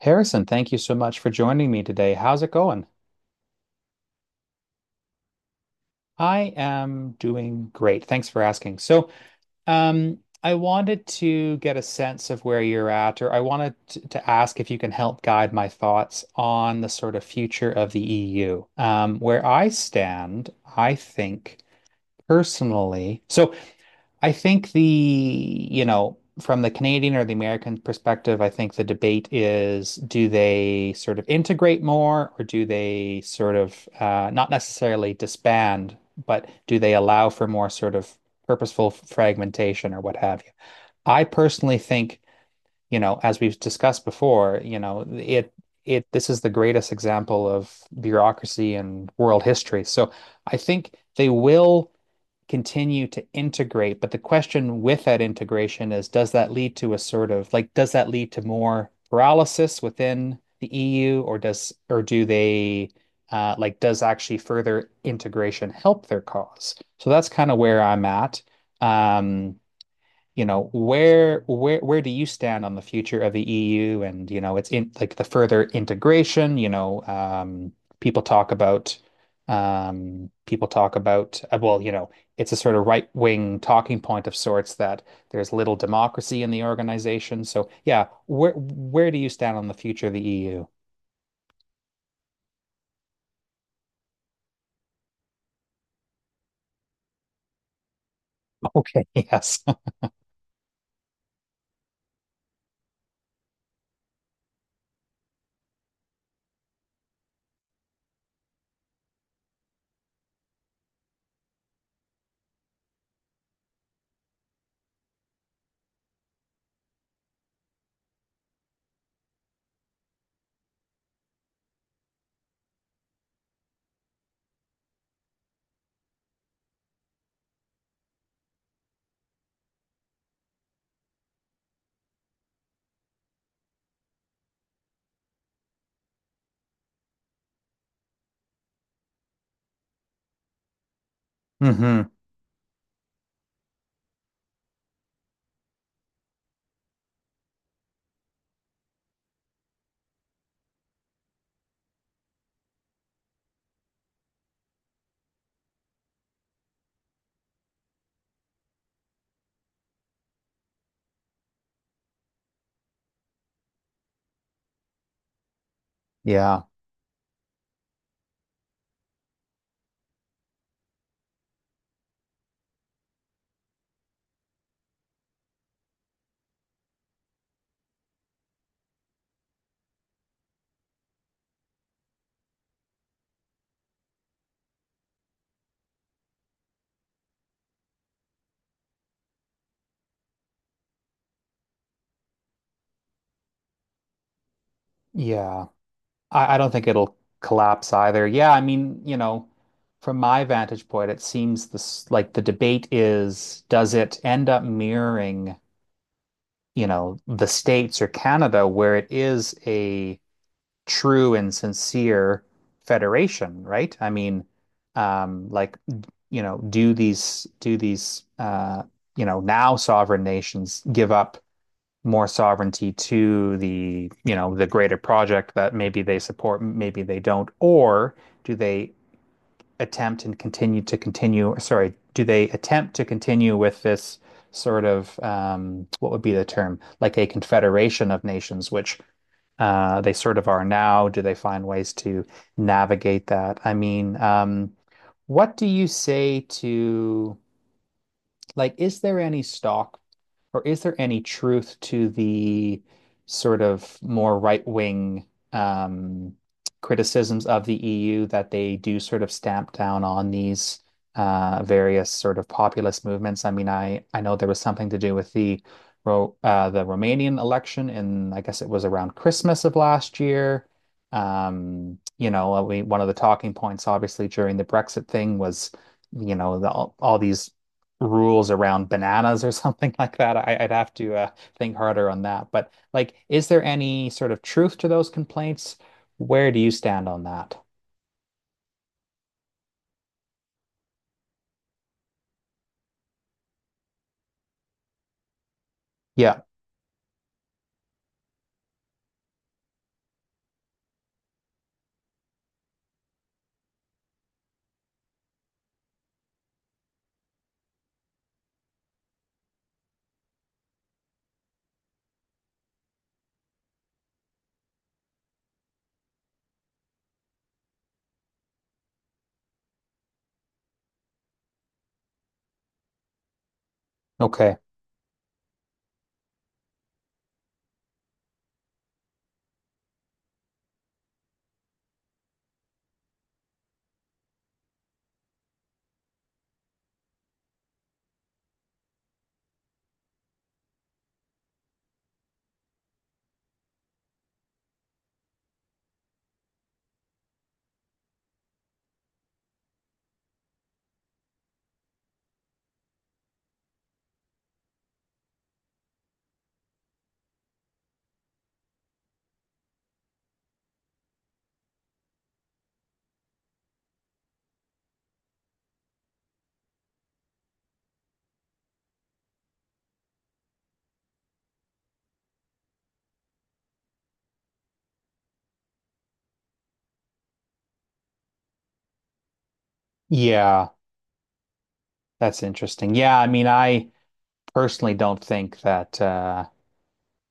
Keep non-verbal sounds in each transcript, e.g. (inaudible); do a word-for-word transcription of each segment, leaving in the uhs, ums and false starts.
Harrison, thank you so much for joining me today. How's it going? I am doing great. Thanks for asking. So, um, I wanted to get a sense of where you're at, or I wanted t- to ask if you can help guide my thoughts on the sort of future of the E U. Um, where I stand, I think personally, so I think the, you know, from the Canadian or the American perspective, I think the debate is do they sort of integrate more or do they sort of uh, not necessarily disband, but do they allow for more sort of purposeful fragmentation or what have you? I personally think, you know, as we've discussed before, you know, it it this is the greatest example of bureaucracy in world history. So I think they will continue to integrate. But the question with that integration is, does that lead to a sort of like, does that lead to more paralysis within the E U, or does or do they uh, like does actually further integration help their cause? So that's kind of where I'm at. Um, you know, where where where do you stand on the future of the E U and, you know, it's in like the further integration, you know, um, people talk about um, people talk about uh, well, you know, it's a sort of right-wing talking point of sorts that there's little democracy in the organization. So, yeah, where where do you stand on the future of the E U? Okay, yes. (laughs) hmm Yeah. Yeah. I, I don't think it'll collapse either. Yeah, I mean, you know, from my vantage point, it seems this like the debate is does it end up mirroring, you know, the States or Canada where it is a true and sincere federation, right? I mean, um, like, you know, do these do these uh, you know, now sovereign nations give up more sovereignty to the, you know, the greater project that maybe they support, maybe they don't, or do they attempt and continue to continue, sorry, do they attempt to continue with this sort of um, what would be the term, like a confederation of nations, which uh, they sort of are now? Do they find ways to navigate that? I mean, um, what do you say to like is there any stock or is there any truth to the sort of more right-wing um, criticisms of the E U that they do sort of stamp down on these uh, various sort of populist movements? I mean, I I know there was something to do with the uh, the Romanian election, and I guess it was around Christmas of last year. Um, you know, we, one of the talking points, obviously, during the Brexit thing was you know the, all, all these rules around bananas or (laughs) something like that. I, I'd have to uh, think harder on that. But like, is there any sort of truth to those complaints? Where do you stand on that? Yeah. Okay. Yeah, that's interesting. Yeah, I mean, I personally don't think that uh,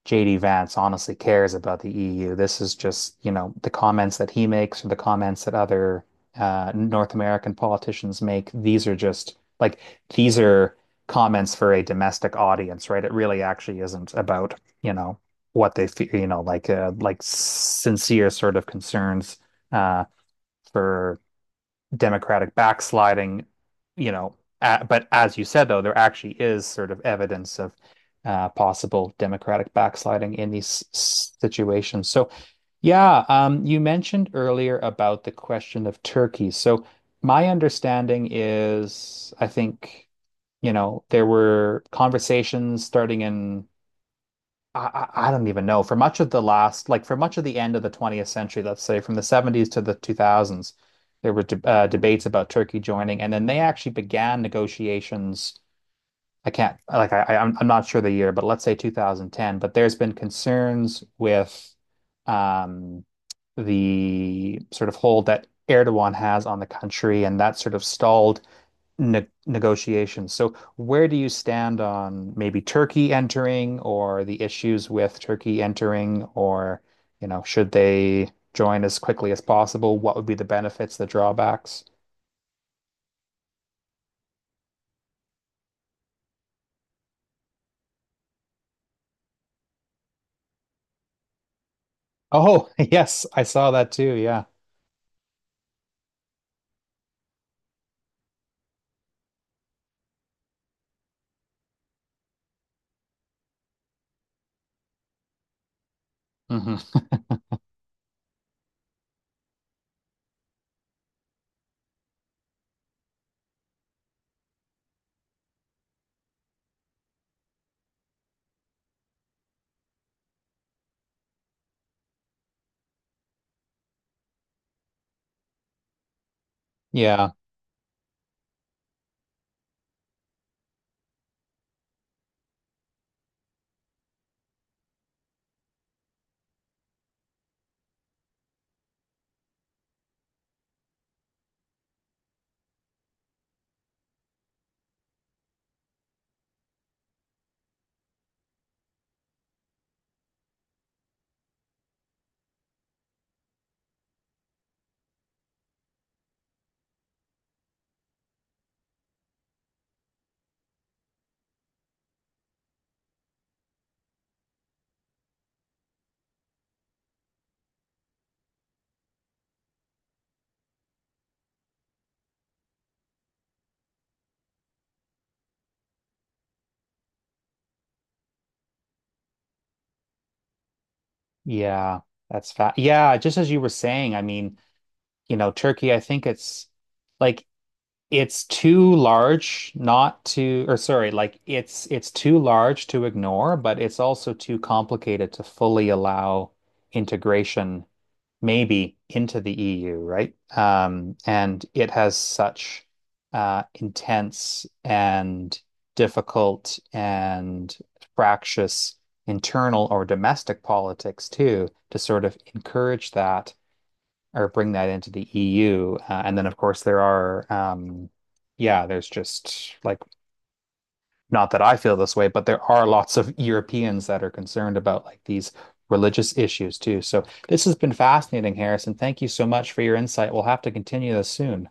J D Vance honestly cares about the E U. This is just, you know, the comments that he makes or the comments that other uh, North American politicians make. These are just like, these are comments for a domestic audience, right? It really actually isn't about, you know, what they feel, you know, like, uh, like sincere sort of concerns uh, for democratic backsliding, you know. A- but as you said, though, there actually is sort of evidence of uh, possible democratic backsliding in these s- situations. So, yeah, um, you mentioned earlier about the question of Turkey. So, my understanding is, I think, you know, there were conversations starting in I, I I don't even know. For much of the last, like for much of the end of the twentieth century, let's say from the seventies to the two thousands, there were de uh, debates about Turkey joining, and then they actually began negotiations. I can't, like, I, I- am I'm not sure the year, but let's say two thousand ten. But there's been concerns with um, the sort of hold that Erdogan has on the country, and that sort of stalled ne negotiations. So where do you stand on maybe Turkey entering or the issues with Turkey entering or, you know, should they join as quickly as possible? What would be the benefits, the drawbacks? Oh, (laughs) yes, I saw that too. Yeah. hmm (laughs) Yeah. Yeah. That's fat. Yeah. Just as you were saying, I mean, you know, Turkey, I think it's like it's too large not to, or sorry, like it's it's too large to ignore, but it's also too complicated to fully allow integration maybe into the E U, right? Um, and it has such uh, intense and difficult and fractious internal or domestic politics too, to sort of encourage that or bring that into the E U. Uh, and then, of course, there are, um, yeah, there's just like, not that I feel this way, but there are lots of Europeans that are concerned about like these religious issues too. So this has been fascinating, Harrison. Thank you so much for your insight. We'll have to continue this soon.